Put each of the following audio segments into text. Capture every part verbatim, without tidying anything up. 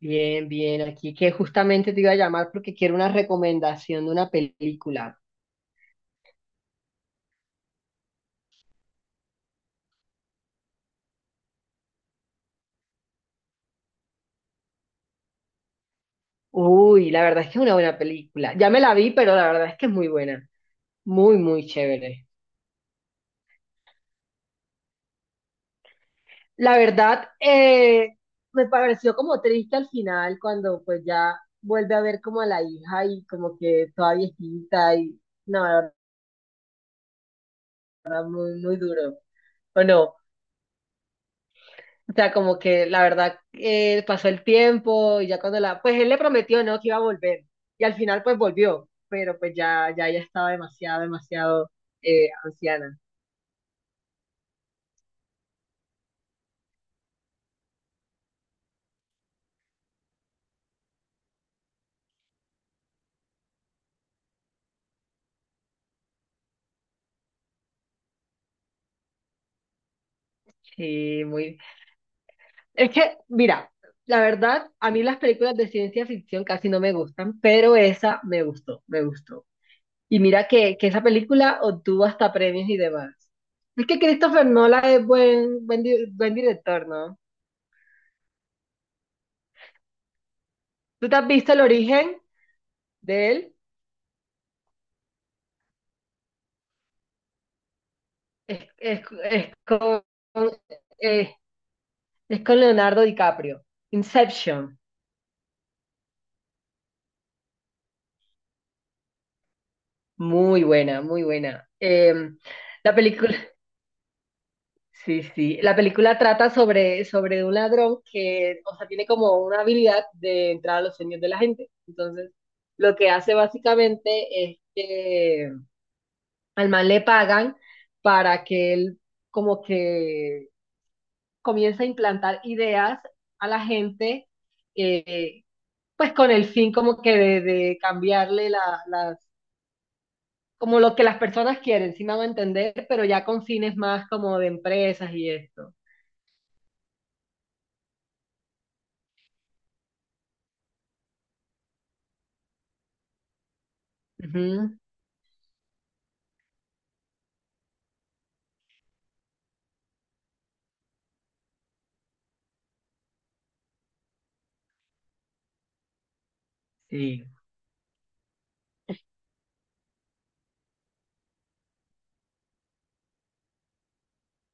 Bien, bien, aquí que justamente te iba a llamar porque quiero una recomendación de una película. Uy, la verdad es que es una buena película. Ya me la vi, pero la verdad es que es muy buena. Muy, muy chévere. La verdad, eh, me pareció como triste al final cuando pues ya vuelve a ver como a la hija y como que toda viejita y no, la verdad, muy, muy duro. ¿O no? O sea, como que la verdad eh, pasó el tiempo y ya cuando la, pues él le prometió, ¿no? Que iba a volver. Y al final pues volvió, pero pues ya, ya ella estaba demasiado, demasiado eh, anciana. Sí, muy. Es que, mira, la verdad, a mí las películas de ciencia ficción casi no me gustan, pero esa me gustó, me gustó. Y mira que, que esa película obtuvo hasta premios y demás. Es que Christopher Nolan es buen, buen, di- buen director, ¿no? ¿Tú te has visto el origen de él? Es, es- es con, eh, es con Leonardo DiCaprio. Inception. Muy buena, muy buena. Eh, la película, sí, sí. La película trata sobre, sobre un ladrón que, o sea, tiene como una habilidad de entrar a los sueños de la gente. Entonces, lo que hace básicamente es que al man le pagan para que él como que comience a implantar ideas a la gente. eh, pues con el fin como que de, de cambiarle la, las, como lo que las personas quieren, si me hago entender, pero ya con fines más como de empresas y esto. Ujú. Sí.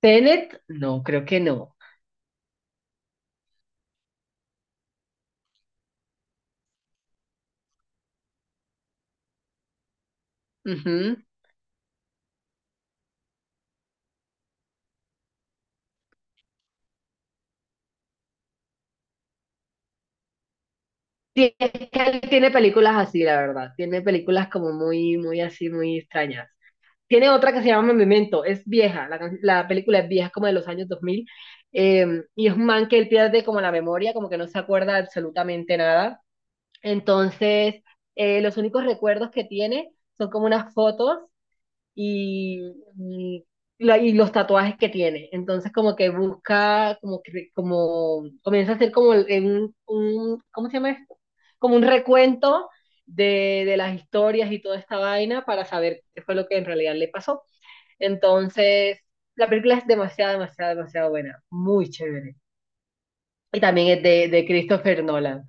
Tenet, no, creo que no. Ujú. Sí, es que él tiene películas así, la verdad. Tiene películas como muy, muy así, muy extrañas. Tiene otra que se llama Memento, es vieja, la, can- la película es vieja, es como de los años dos mil, eh, y es un man que él pierde como la memoria, como que no se acuerda absolutamente nada. Entonces, eh, los únicos recuerdos que tiene son como unas fotos y, y, la- y los tatuajes que tiene. Entonces, como que busca, como, que- como comienza a hacer como el- un, un- ¿cómo se llama esto? Como un recuento de, de las historias y toda esta vaina para saber qué fue lo que en realidad le pasó. Entonces, la película es demasiado, demasiado, demasiado buena, muy chévere. Y también es de, de Christopher Nolan.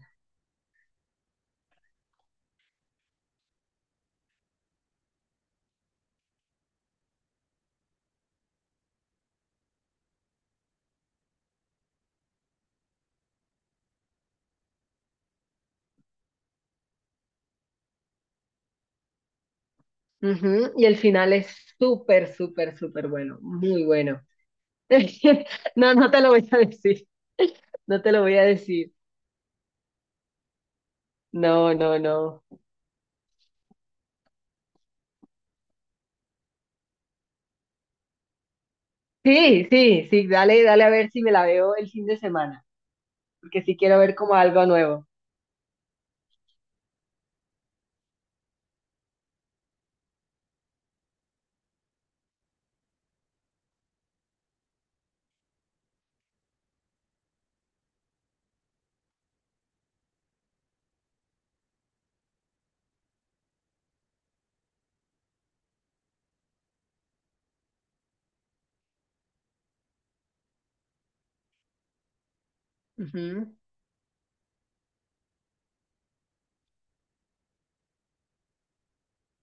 Ujú. Y el final es súper, súper, súper bueno, muy bueno. No, no te lo voy a decir, no te lo voy a decir. No, no, no. Sí, sí, sí, dale, dale a ver si me la veo el fin de semana, porque sí quiero ver como algo nuevo. Ujú,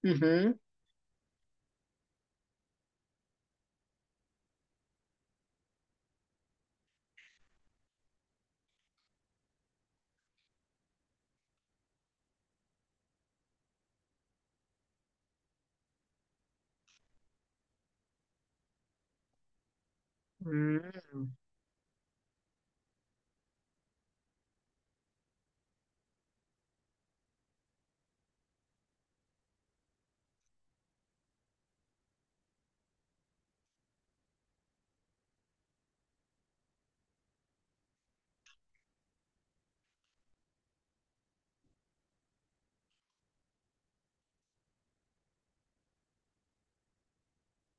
ujú. Mm,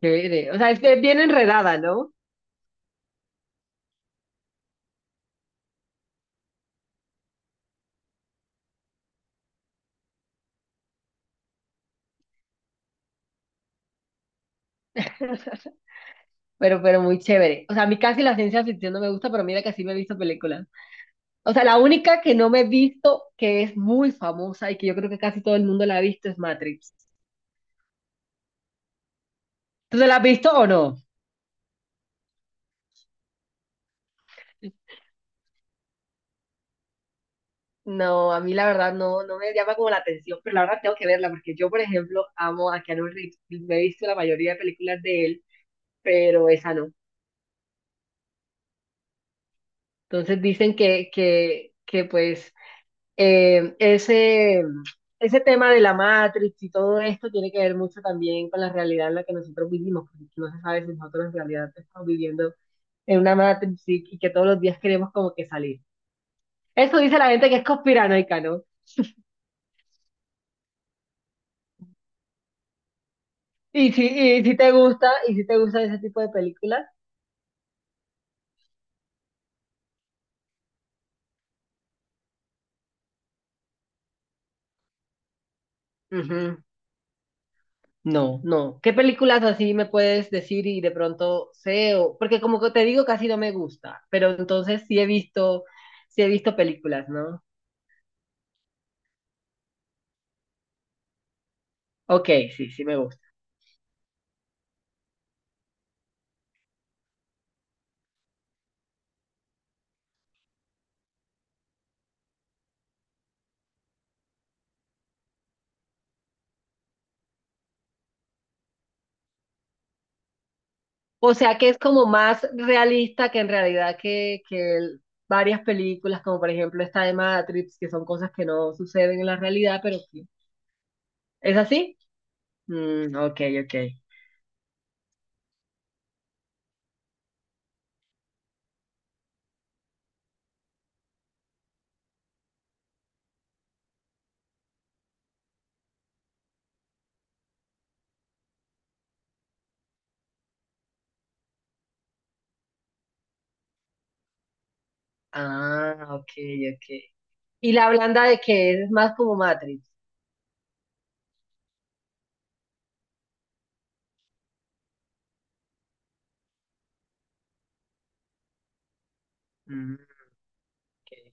chévere. O sea, es que es bien enredada, ¿no? Pero, pero muy chévere. O sea, a mí casi la ciencia ficción no me gusta, pero mira que sí me he visto películas. O sea, la única que no me he visto, que es muy famosa y que yo creo que casi todo el mundo la ha visto, es Matrix. ¿Tú te la has visto o no? No, a mí la verdad no, no me llama como la atención, pero la verdad tengo que verla porque yo, por ejemplo, amo a Keanu Reeves. Me he visto la mayoría de películas de él, pero esa no. Entonces dicen que, que, que pues eh, ese, ese tema de la Matrix y todo esto tiene que ver mucho también con la realidad en la que nosotros vivimos, porque no se sabe si nosotros en realidad estamos viviendo en una Matrix y, y que todos los días queremos como que salir. Eso dice la gente que es conspiranoica, ¿no? Y si, y si te gusta, y si te gustan ese tipo de películas, ujú. No, no. ¿Qué películas así me puedes decir y de pronto sé o porque como que te digo casi no me gusta, pero entonces sí he visto, sí he visto películas, ¿no? Ok, sí, sí me gusta. O sea que es como más realista que en realidad que, que el varias películas, como por ejemplo esta de Matrix, que son cosas que no suceden en la realidad, pero que ¿es así? Mm, ok, ok. Ah, ok, ok. ¿Y la blanda de qué es? Es más como Matrix. Mm, ok.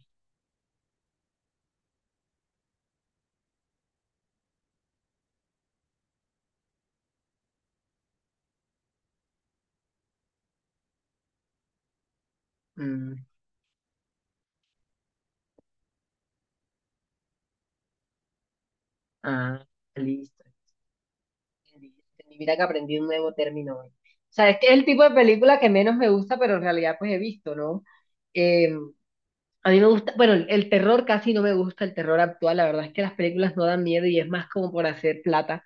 Mm, ah, listo. Entendí, entendí. Mira que aprendí un nuevo término hoy. O sea, es que es el tipo de película que menos me gusta, pero en realidad pues he visto, ¿no? Eh, a mí me gusta, bueno, el terror casi no me gusta, el terror actual. La verdad es que las películas no dan miedo y es más como por hacer plata.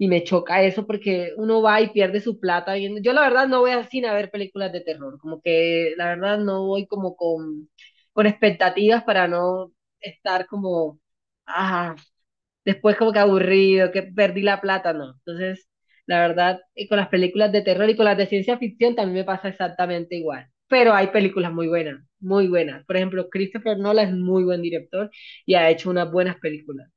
Y me choca eso porque uno va y pierde su plata viendo. Yo la verdad no voy a cine a ver películas de terror, como que la verdad no voy como con, con expectativas para no estar como, ah, después como que aburrido, que perdí la plata, no. Entonces, la verdad, y con las películas de terror y con las de ciencia ficción también me pasa exactamente igual. Pero hay películas muy buenas, muy buenas. Por ejemplo, Christopher Nolan es muy buen director y ha hecho unas buenas películas.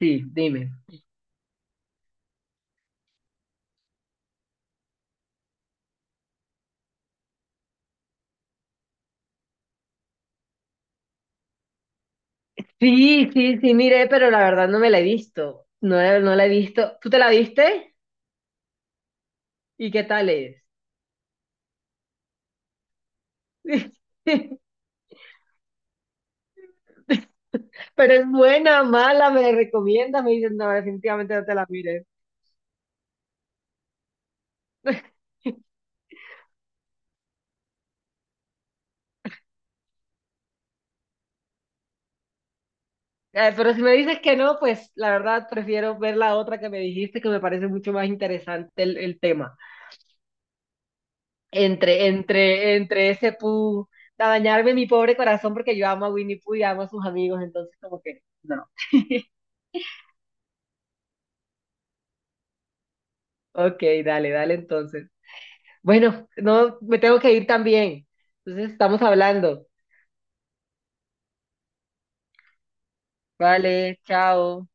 Sí, dime. Sí, sí, sí, miré, pero la verdad no me la he visto. No, no la he visto. ¿Tú te la viste? ¿Y qué tal es? Pero es buena, mala, me la recomiendas. Me dices, no, definitivamente no te la mires. Eh, pero si me dices que no, pues la verdad prefiero ver la otra que me dijiste, que me parece mucho más interesante el, el tema. Entre, entre, entre ese pu, a dañarme mi pobre corazón, porque yo amo a Winnie Pooh y amo a sus amigos, entonces como que, no. Ok, dale, dale entonces. Bueno, no, me tengo que ir también. Entonces estamos hablando. Vale, chao.